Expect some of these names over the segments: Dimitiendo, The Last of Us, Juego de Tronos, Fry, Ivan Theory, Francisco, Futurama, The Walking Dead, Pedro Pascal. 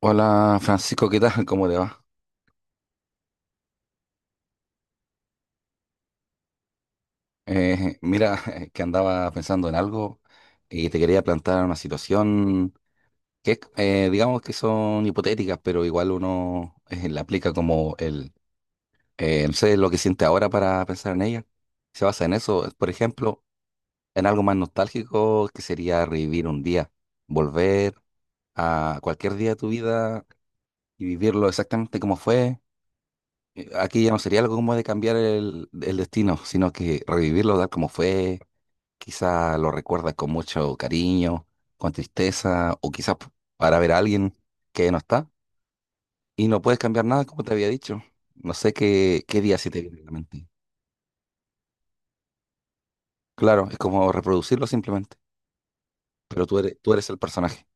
Hola Francisco, ¿qué tal? ¿Cómo te va? Mira, que andaba pensando en algo y te quería plantear una situación que, es, digamos que son hipotéticas, pero igual uno la aplica como el, no sé, lo que siente ahora para pensar en ella. Se basa en eso, por ejemplo, en algo más nostálgico que sería revivir un día, volver a cualquier día de tu vida y vivirlo exactamente como fue. Aquí ya no sería algo como de cambiar el destino, sino que revivirlo tal como fue. Quizá lo recuerdas con mucho cariño, con tristeza, o quizás para ver a alguien que no está y no puedes cambiar nada, como te había dicho. No sé qué día sí te viene a la mente. Claro, es como reproducirlo simplemente, pero tú eres el personaje.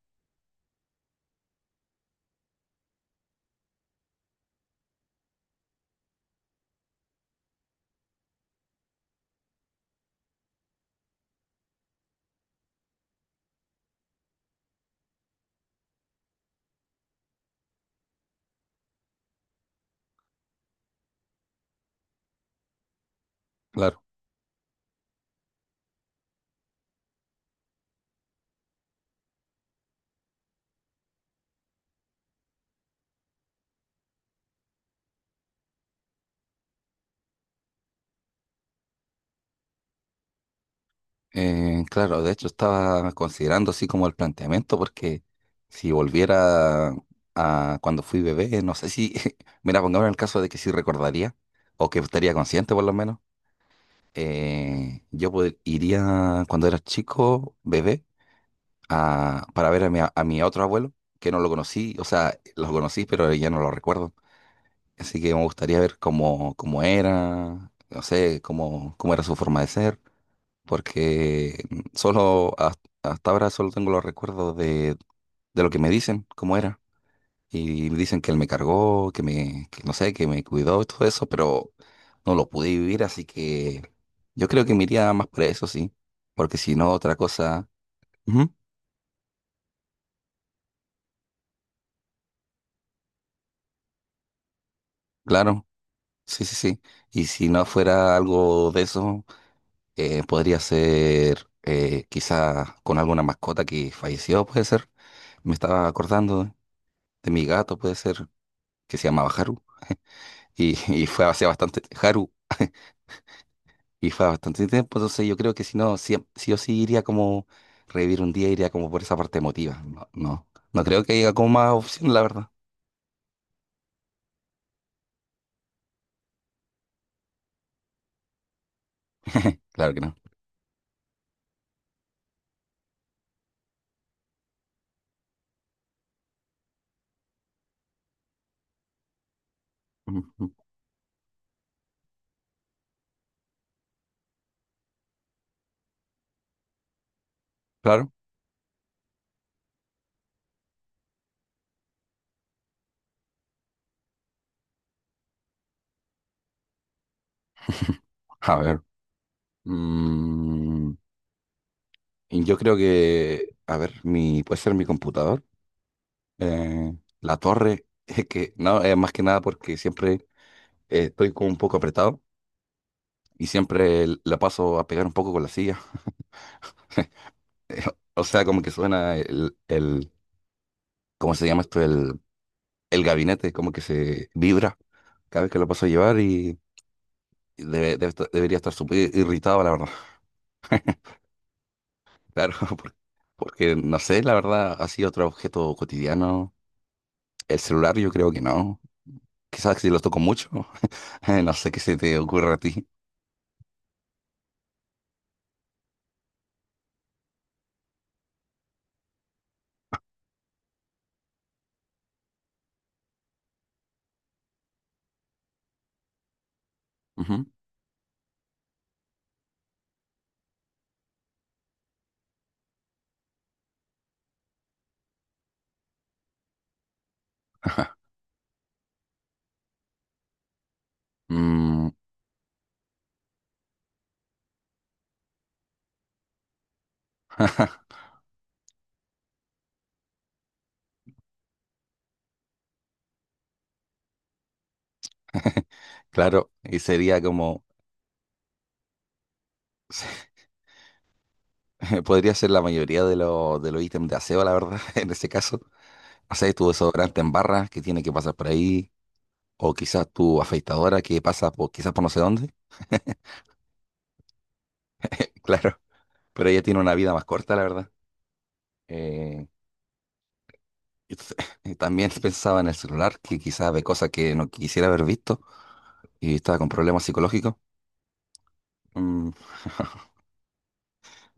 Claro. Claro, de hecho estaba considerando así como el planteamiento, porque si volviera a cuando fui bebé, no sé si, mira, pongamos el caso de que sí recordaría, o que estaría consciente por lo menos, yo iría cuando era chico, bebé, para ver a mi otro abuelo, que no lo conocí, o sea, lo conocí, pero ya no lo recuerdo. Así que me gustaría ver cómo era, no sé, cómo era su forma de ser, porque solo hasta ahora solo tengo los recuerdos de lo que me dicen, cómo era. Y dicen que él me cargó, que no sé, que me cuidó y todo eso, pero no lo pude vivir, así que yo creo que me iría más por eso, sí. Porque si no, otra cosa. Ujú, claro, sí, sí, sí. Y si no fuera algo de eso, podría ser, quizá con alguna mascota que falleció, puede ser. Me estaba acordando de mi gato, puede ser, que se llamaba Haru, y fue hace bastante, Haru, y fue hace bastante tiempo, entonces yo creo que si no, sí sí o sí iría como revivir un día, iría como por esa parte emotiva. No, no, no creo que haya como más opción, la verdad. Claro que no. Ujú. Claro. A ver, mm, y yo creo que, a ver, puede ser mi computador, eh, la torre, es que, no, es más que nada porque siempre estoy como un poco apretado, y siempre la paso a pegar un poco con la silla. O sea, como que suena el, ¿cómo se llama esto? El gabinete, como que se vibra cada vez que lo paso a llevar y debería estar súper irritado, la verdad. Claro, porque, no sé, la verdad, así otro objeto cotidiano. El celular yo creo que no. Quizás si lo toco mucho, no sé qué se te ocurre a ti. Ujú. Mm, claro, y sería como, podría ser la mayoría de los de los ítems de aseo, la verdad, en ese caso. Haces tu desodorante en barra que tiene que pasar por ahí, o quizás tu afeitadora que pasa por, quizás por no sé dónde. Claro, pero ella tiene una vida más corta, la verdad. Eh, y t- y también pensaba en el celular, que quizás ve cosas que no quisiera haber visto y estaba con problemas psicológicos. Mm,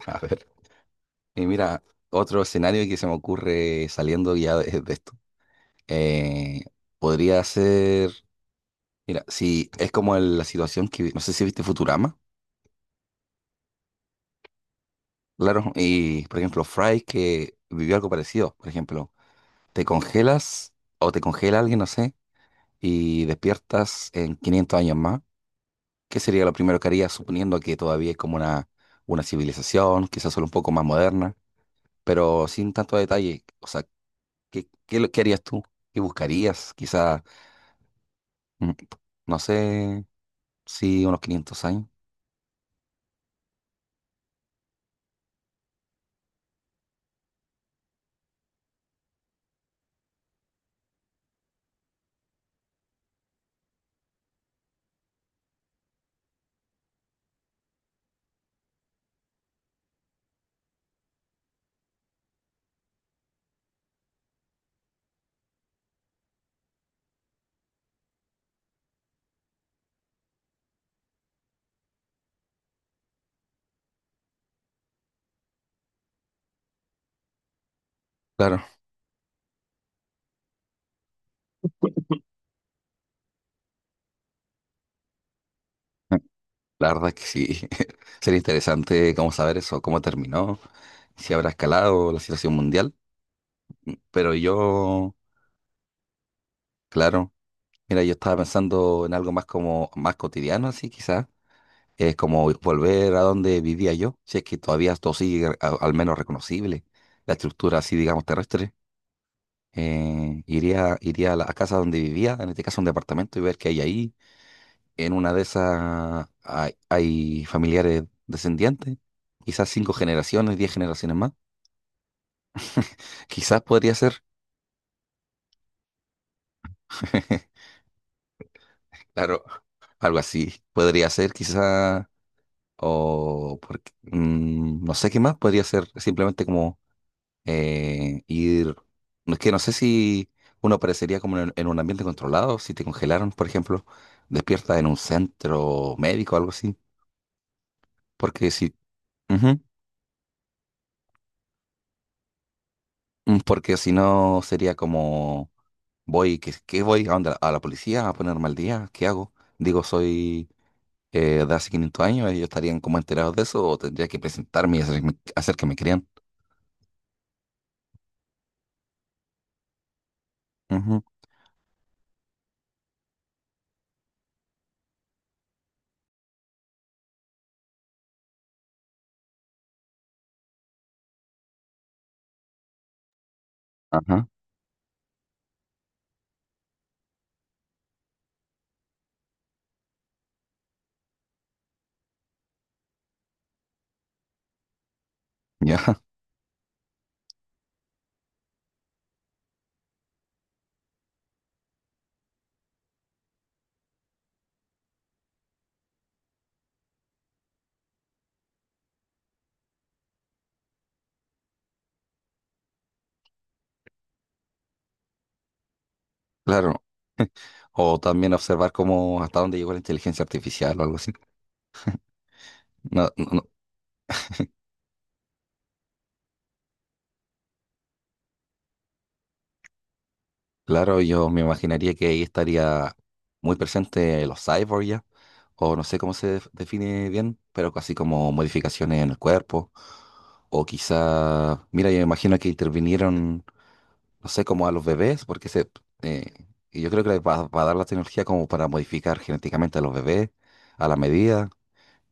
a ver, y mira, otro escenario que se me ocurre saliendo ya de esto. Eh, podría ser, mira, si es como la situación que, no sé si viste Futurama. Claro, y por ejemplo, Fry que vivió algo parecido. Por ejemplo, te congelas o te congela alguien, no sé, y despiertas en 500 años más. ¿Qué sería lo primero que harías, suponiendo que todavía es como una civilización, quizás solo un poco más moderna, pero sin tanto detalle? O sea, ¿ qué harías tú? ¿Qué buscarías? Quizás, mm, no sé, sí, unos 500 años. Claro. La verdad es que sí, sería interesante cómo saber eso, cómo terminó, si habrá escalado la situación mundial. Pero yo, claro, mira, yo estaba pensando en algo más como más cotidiano, así quizás, es como volver a donde vivía yo, si es que todavía esto sigue al menos reconocible, la estructura así, digamos, terrestre. Iría a la a casa donde vivía, en este caso un departamento, y ver qué hay ahí. En una de esas hay familiares descendientes, quizás cinco generaciones, 10 generaciones más. Quizás podría ser, claro, algo así. Podría ser, quizás, o porque, no sé qué más, podría ser simplemente como ir. No es que no sé si uno aparecería como en un ambiente controlado, si te congelaron, por ejemplo, despierta en un centro médico o algo así, porque si, ujú, porque si no sería como: voy, ¿qué voy? ¿A dónde? ¿A la policía? ¿A ponerme al día? ¿Qué hago? Digo, soy de hace 500 años, ellos estarían como enterados de eso, o tendría que presentarme y hacer que me crean. Ujú, ajá, ya, claro. O también observar cómo, hasta dónde llegó la inteligencia artificial o algo así. No, no, claro, yo me imaginaría que ahí estaría muy presente los cyborgs ya, o no sé cómo se define bien, pero casi como modificaciones en el cuerpo, o quizá, mira, yo me imagino que intervinieron, no sé, como a los bebés, porque eh, y yo creo que va a dar la tecnología como para modificar genéticamente a los bebés a la medida,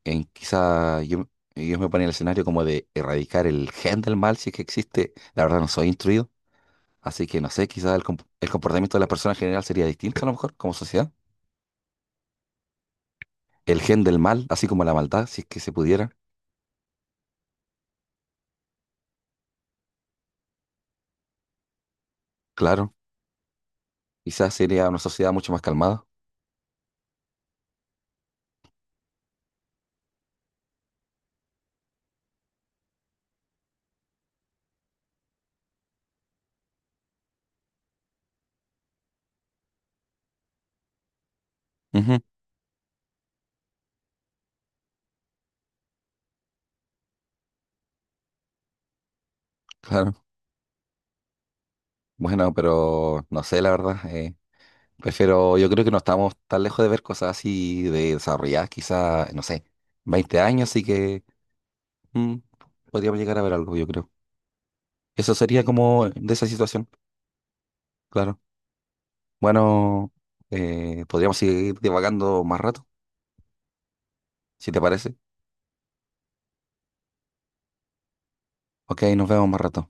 en quizá yo me ponía en el escenario como de erradicar el gen del mal si es que existe, la verdad no soy instruido. Así que no sé, quizás el comportamiento de las personas en general sería distinto a lo mejor como sociedad. El gen del mal, así como la maldad, si es que se pudiera, claro. Quizás sería una sociedad mucho más calmada. Ujú, claro. Bueno, pero no sé, la verdad. Prefiero, yo creo que no estamos tan lejos de ver cosas así de desarrolladas, quizás, no sé, 20 años, así que mm, podríamos llegar a ver algo, yo creo. Eso sería como de esa situación, claro. Bueno, podríamos seguir divagando más rato, si te parece. Ok, nos vemos más rato.